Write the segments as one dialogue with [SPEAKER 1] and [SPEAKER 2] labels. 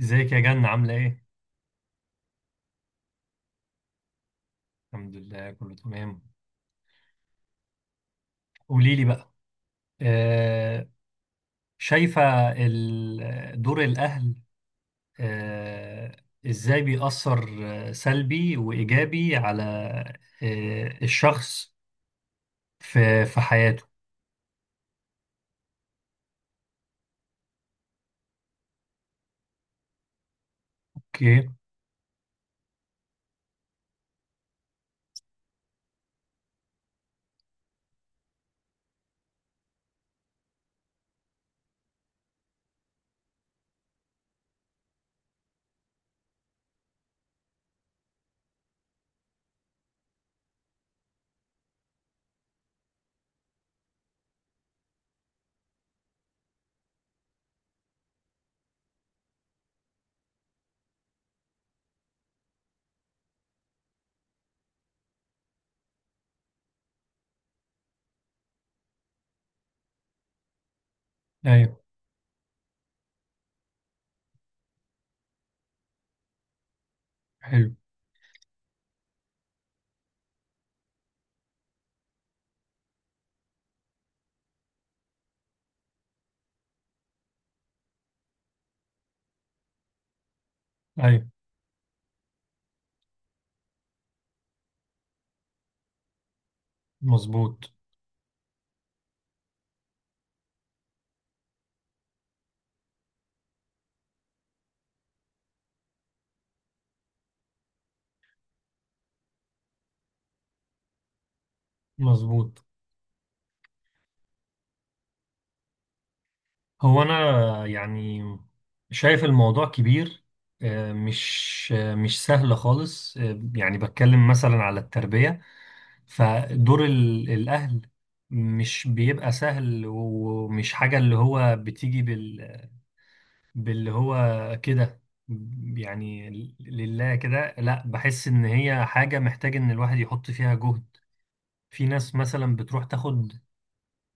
[SPEAKER 1] ازيك يا جنة، عاملة ايه؟ الحمد لله، كله تمام. قولي لي بقى. آه. شايفة. دور الأهل. آه. ازاي بيأثر، سلبي وإيجابي على، الشخص في حياته. اوكي. ايوه. حلو. ايوه. مظبوط. مظبوط. هو أنا يعني شايف الموضوع كبير. مش سهل خالص. يعني بتكلم مثلا على التربية، فدور الأهل مش بيبقى سهل، ومش حاجة اللي هو بتيجي باللي هو كده يعني. لله كده لا، بحس إن هي حاجة محتاج إن الواحد يحط فيها جهد. في ناس مثلا بتروح تاخد.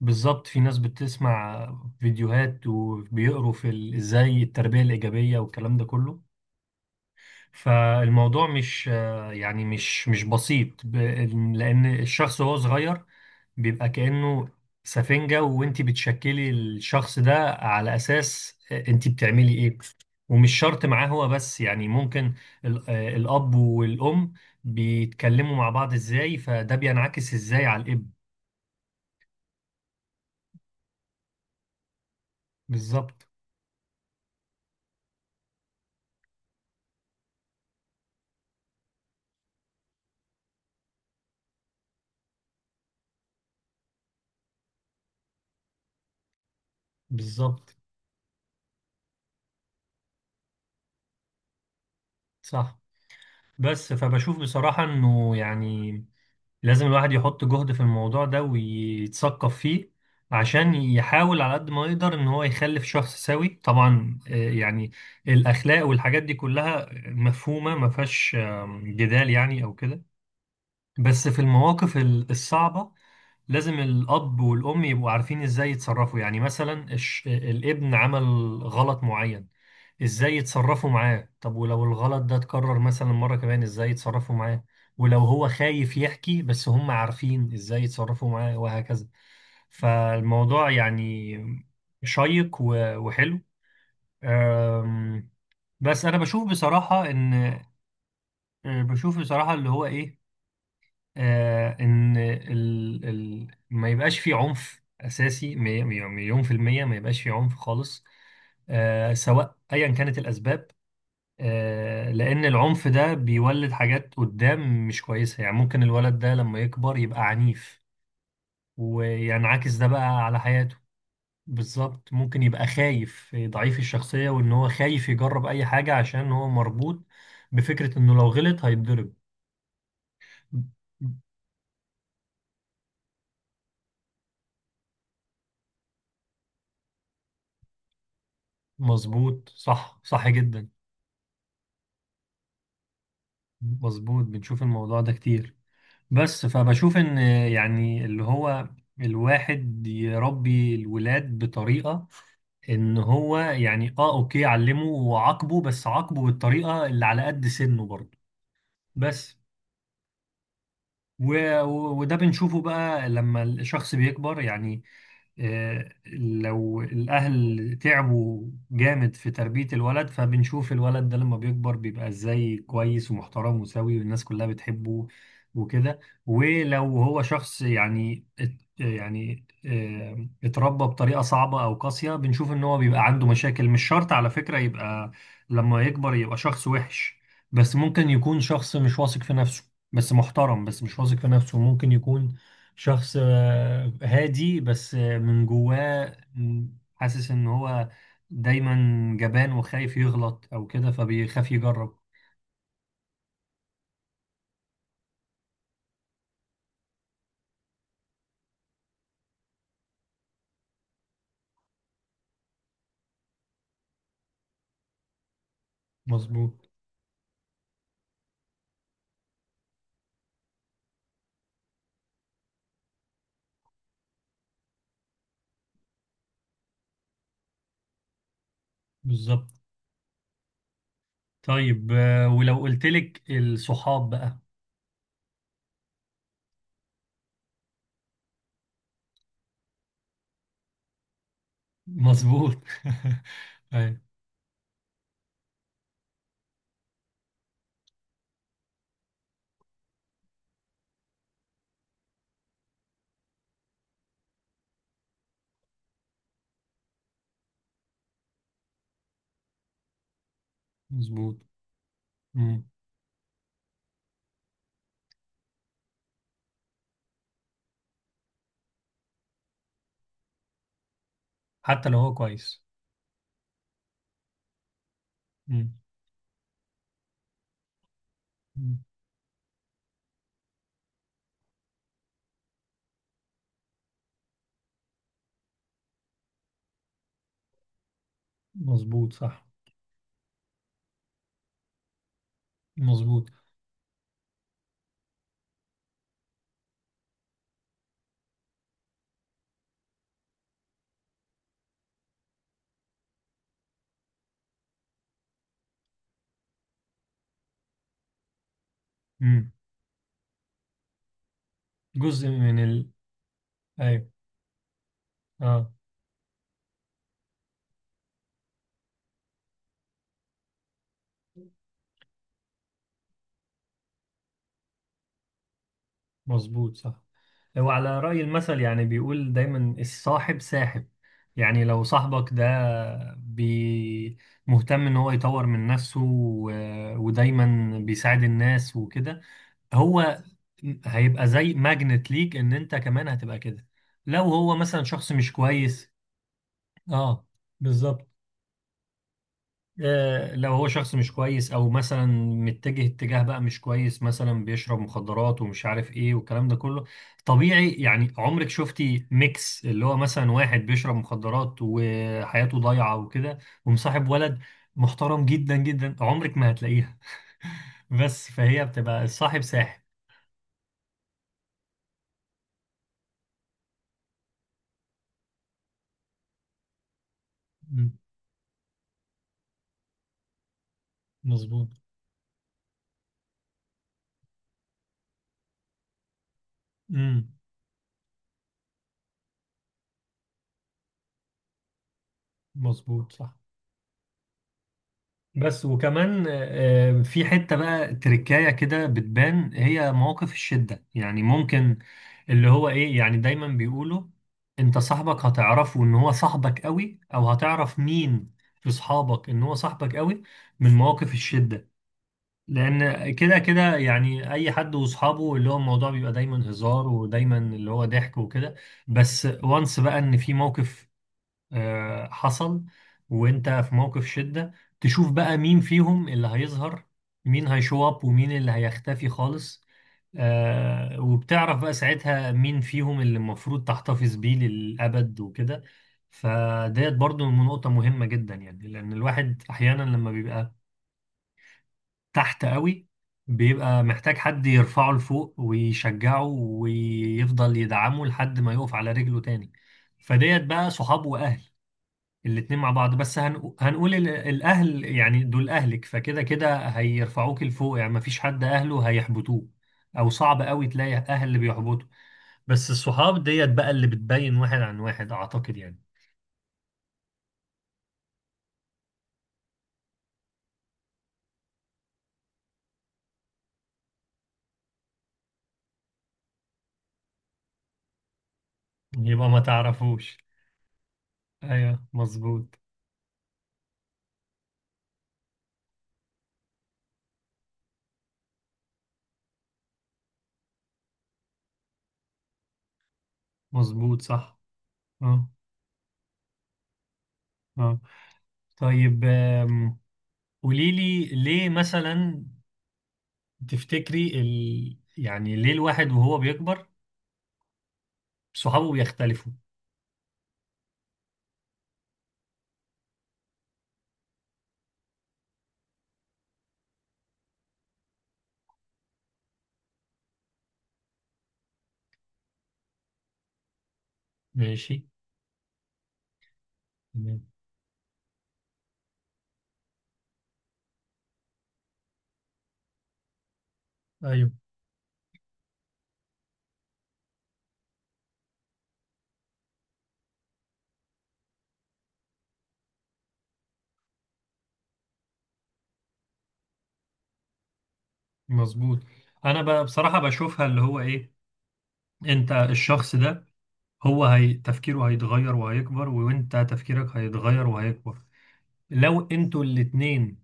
[SPEAKER 1] بالظبط، في ناس بتسمع فيديوهات وبيقروا في ازاي التربية الإيجابية والكلام ده كله. فالموضوع مش يعني مش بسيط لأن الشخص وهو صغير بيبقى كأنه سفنجة، وانت بتشكلي الشخص ده على أساس انت بتعملي ايه. ومش شرط معاه هو بس، يعني ممكن الأب والأم بيتكلموا مع بعض ازاي، فده بينعكس ازاي على الابن. بالظبط. بالظبط. صح. بس فبشوف بصراحة، انه يعني لازم الواحد يحط جهد في الموضوع ده ويتثقف فيه، عشان يحاول على قد ما يقدر ان هو يخلف شخص سوي. طبعا يعني الاخلاق والحاجات دي كلها مفهومة، ما فيهاش جدال، يعني او كده. بس في المواقف الصعبة لازم الأب والأم يبقوا عارفين إزاي يتصرفوا. يعني مثلا الابن عمل غلط معين، إزاي يتصرفوا معاه؟ طب ولو الغلط ده اتكرر مثلا مرة كمان، إزاي يتصرفوا معاه؟ ولو هو خايف يحكي، بس هم عارفين إزاي يتصرفوا معاه، وهكذا. فالموضوع يعني شيق و- وحلو. أم، بس أنا بشوف بصراحة إن بشوف بصراحة اللي هو إيه، ان ال ما يبقاش في عنف اساسي، مليون في المية، ما يبقاش في عنف خالص سواء ايا كانت الاسباب، لان العنف ده بيولد حاجات قدام مش كويسة، يعني ممكن الولد ده لما يكبر يبقى عنيف، وينعكس ده بقى على حياته. بالظبط، ممكن يبقى خايف، ضعيف الشخصية، وان هو خايف يجرب اي حاجة عشان هو مربوط بفكرة انه لو غلط هيتضرب. مظبوط. صح، صح جدا. مظبوط. بنشوف الموضوع ده كتير. بس فبشوف ان، يعني اللي هو الواحد يربي الولاد بطريقة، ان هو يعني اوكي، علمه وعاقبه، بس عاقبه بالطريقة اللي على قد سنه برضه. بس و... وده بنشوفه بقى لما الشخص بيكبر، يعني لو الأهل تعبوا جامد في تربية الولد، فبنشوف الولد ده لما بيكبر بيبقى إزاي، كويس ومحترم وسوي والناس كلها بتحبه وكده. ولو هو شخص يعني يعني اتربى بطريقة صعبة أو قاسية، بنشوف إن هو بيبقى عنده مشاكل. مش شرط على فكرة يبقى لما يكبر يبقى شخص وحش، بس ممكن يكون شخص مش واثق في نفسه، بس محترم، بس مش واثق في نفسه. ممكن يكون شخص هادي، بس من جواه حاسس ان هو دايما جبان وخايف يغلط او كده، فبيخاف يجرب. مظبوط. بالظبط. طيب ولو قلت لك الصحاب بقى؟ مظبوط. ايوه. مظبوط. مم. حتى لو هو كويس. مم. مم. مظبوط. صح. مظبوط. مم. جزء من ال. ايوه. اه. مظبوط. صح. هو على رأي المثل، يعني بيقول دايما: الصاحب ساحب. يعني لو صاحبك ده بي مهتم ان هو يطور من نفسه، و- ودايما بيساعد الناس وكده، هو هيبقى زي ماجنت ليك، ان انت كمان هتبقى كده. لو هو مثلا شخص مش كويس. اه. بالظبط. لو هو شخص مش كويس، او مثلا متجه اتجاه بقى مش كويس، مثلا بيشرب مخدرات ومش عارف ايه والكلام ده كله، طبيعي. يعني عمرك شفتي ميكس اللي هو مثلا واحد بيشرب مخدرات وحياته ضايعة وكده ومصاحب ولد محترم جدا جدا؟ عمرك ما هتلاقيها. بس فهي بتبقى الصاحب ساحب. مم. مظبوط. امم. مظبوط. صح. بس وكمان في حتة بقى تركاية كده بتبان، هي مواقف الشدة. يعني ممكن اللي هو ايه، يعني دايما بيقولوا: انت صاحبك هتعرفه ان هو صاحبك قوي، او هتعرف مين في صحابك ان هو صاحبك قوي، من مواقف الشدة. لان كده كده يعني اي حد واصحابه اللي هو الموضوع بيبقى دايما هزار ودايما اللي هو ضحك وكده، بس وانس بقى ان في موقف حصل وانت في موقف شدة، تشوف بقى مين فيهم اللي هيظهر، مين هيشو اب ومين اللي هيختفي خالص. وبتعرف بقى ساعتها مين فيهم اللي المفروض تحتفظ بيه للأبد وكده. فديت برضو نقطة مهمة جدا، يعني لأن الواحد أحيانا لما بيبقى تحت قوي، بيبقى محتاج حد يرفعه لفوق ويشجعه ويفضل يدعمه لحد ما يقف على رجله تاني. فديت بقى صحاب وأهل، الاتنين مع بعض. بس هنقول الأهل يعني دول أهلك، فكده كده هيرفعوك لفوق، يعني مفيش حد أهله هيحبطوه، أو صعب قوي تلاقي أهل اللي بيحبطوا. بس الصحاب ديت بقى اللي بتبين واحد عن واحد، أعتقد يعني. يبقى ما تعرفوش. أيوه. مظبوط. مظبوط. صح. اه. اه. طيب قولي لي ليه مثلا، تفتكري يعني ليه الواحد وهو بيكبر صحابه بيختلفوا؟ ماشي. تمام. ايوه. مظبوط. انا بصراحة بشوفها اللي هو ايه، انت الشخص ده هو هي تفكيره هيتغير وهيكبر، وانت تفكيرك هيتغير وهيكبر. لو انتوا الاتنين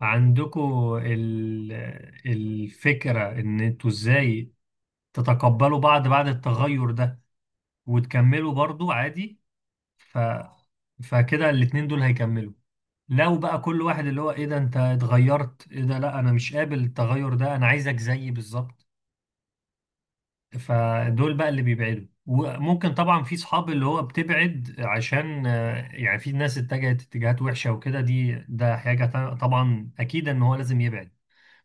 [SPEAKER 1] عندكوا الفكرة ان انتوا ازاي تتقبلوا بعض بعد التغير ده وتكملوا برضو عادي، ف... فكده الاتنين دول هيكملوا. لو بقى كل واحد اللي هو ايه، ده انت اتغيرت؟ ايه ده، لا انا مش قابل التغير ده، انا عايزك زيي بالظبط، فدول بقى اللي بيبعدوا. وممكن طبعا في صحاب اللي هو بتبعد عشان يعني في ناس اتجهت اتجاهات وحشة وكده، ده حاجة طبعا أكيد إن هو لازم يبعد.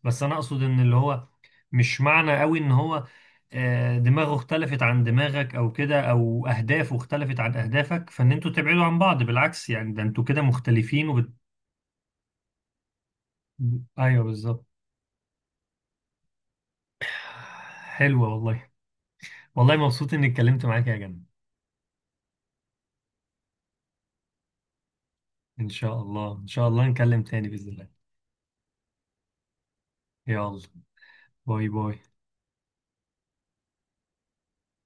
[SPEAKER 1] بس أنا أقصد إن اللي هو مش معنى قوي إن هو دماغه اختلفت عن دماغك أو كده، أو أهدافه اختلفت عن أهدافك، فإن أنتوا تبعدوا عن بعض. بالعكس يعني، ده أنتوا كده مختلفين أيوه، بالظبط. حلوة والله. والله مبسوط إني اتكلمت معاك يا جنة. إن شاء الله، إن شاء الله نكلم تاني بإذن الله. يلا، باي باي.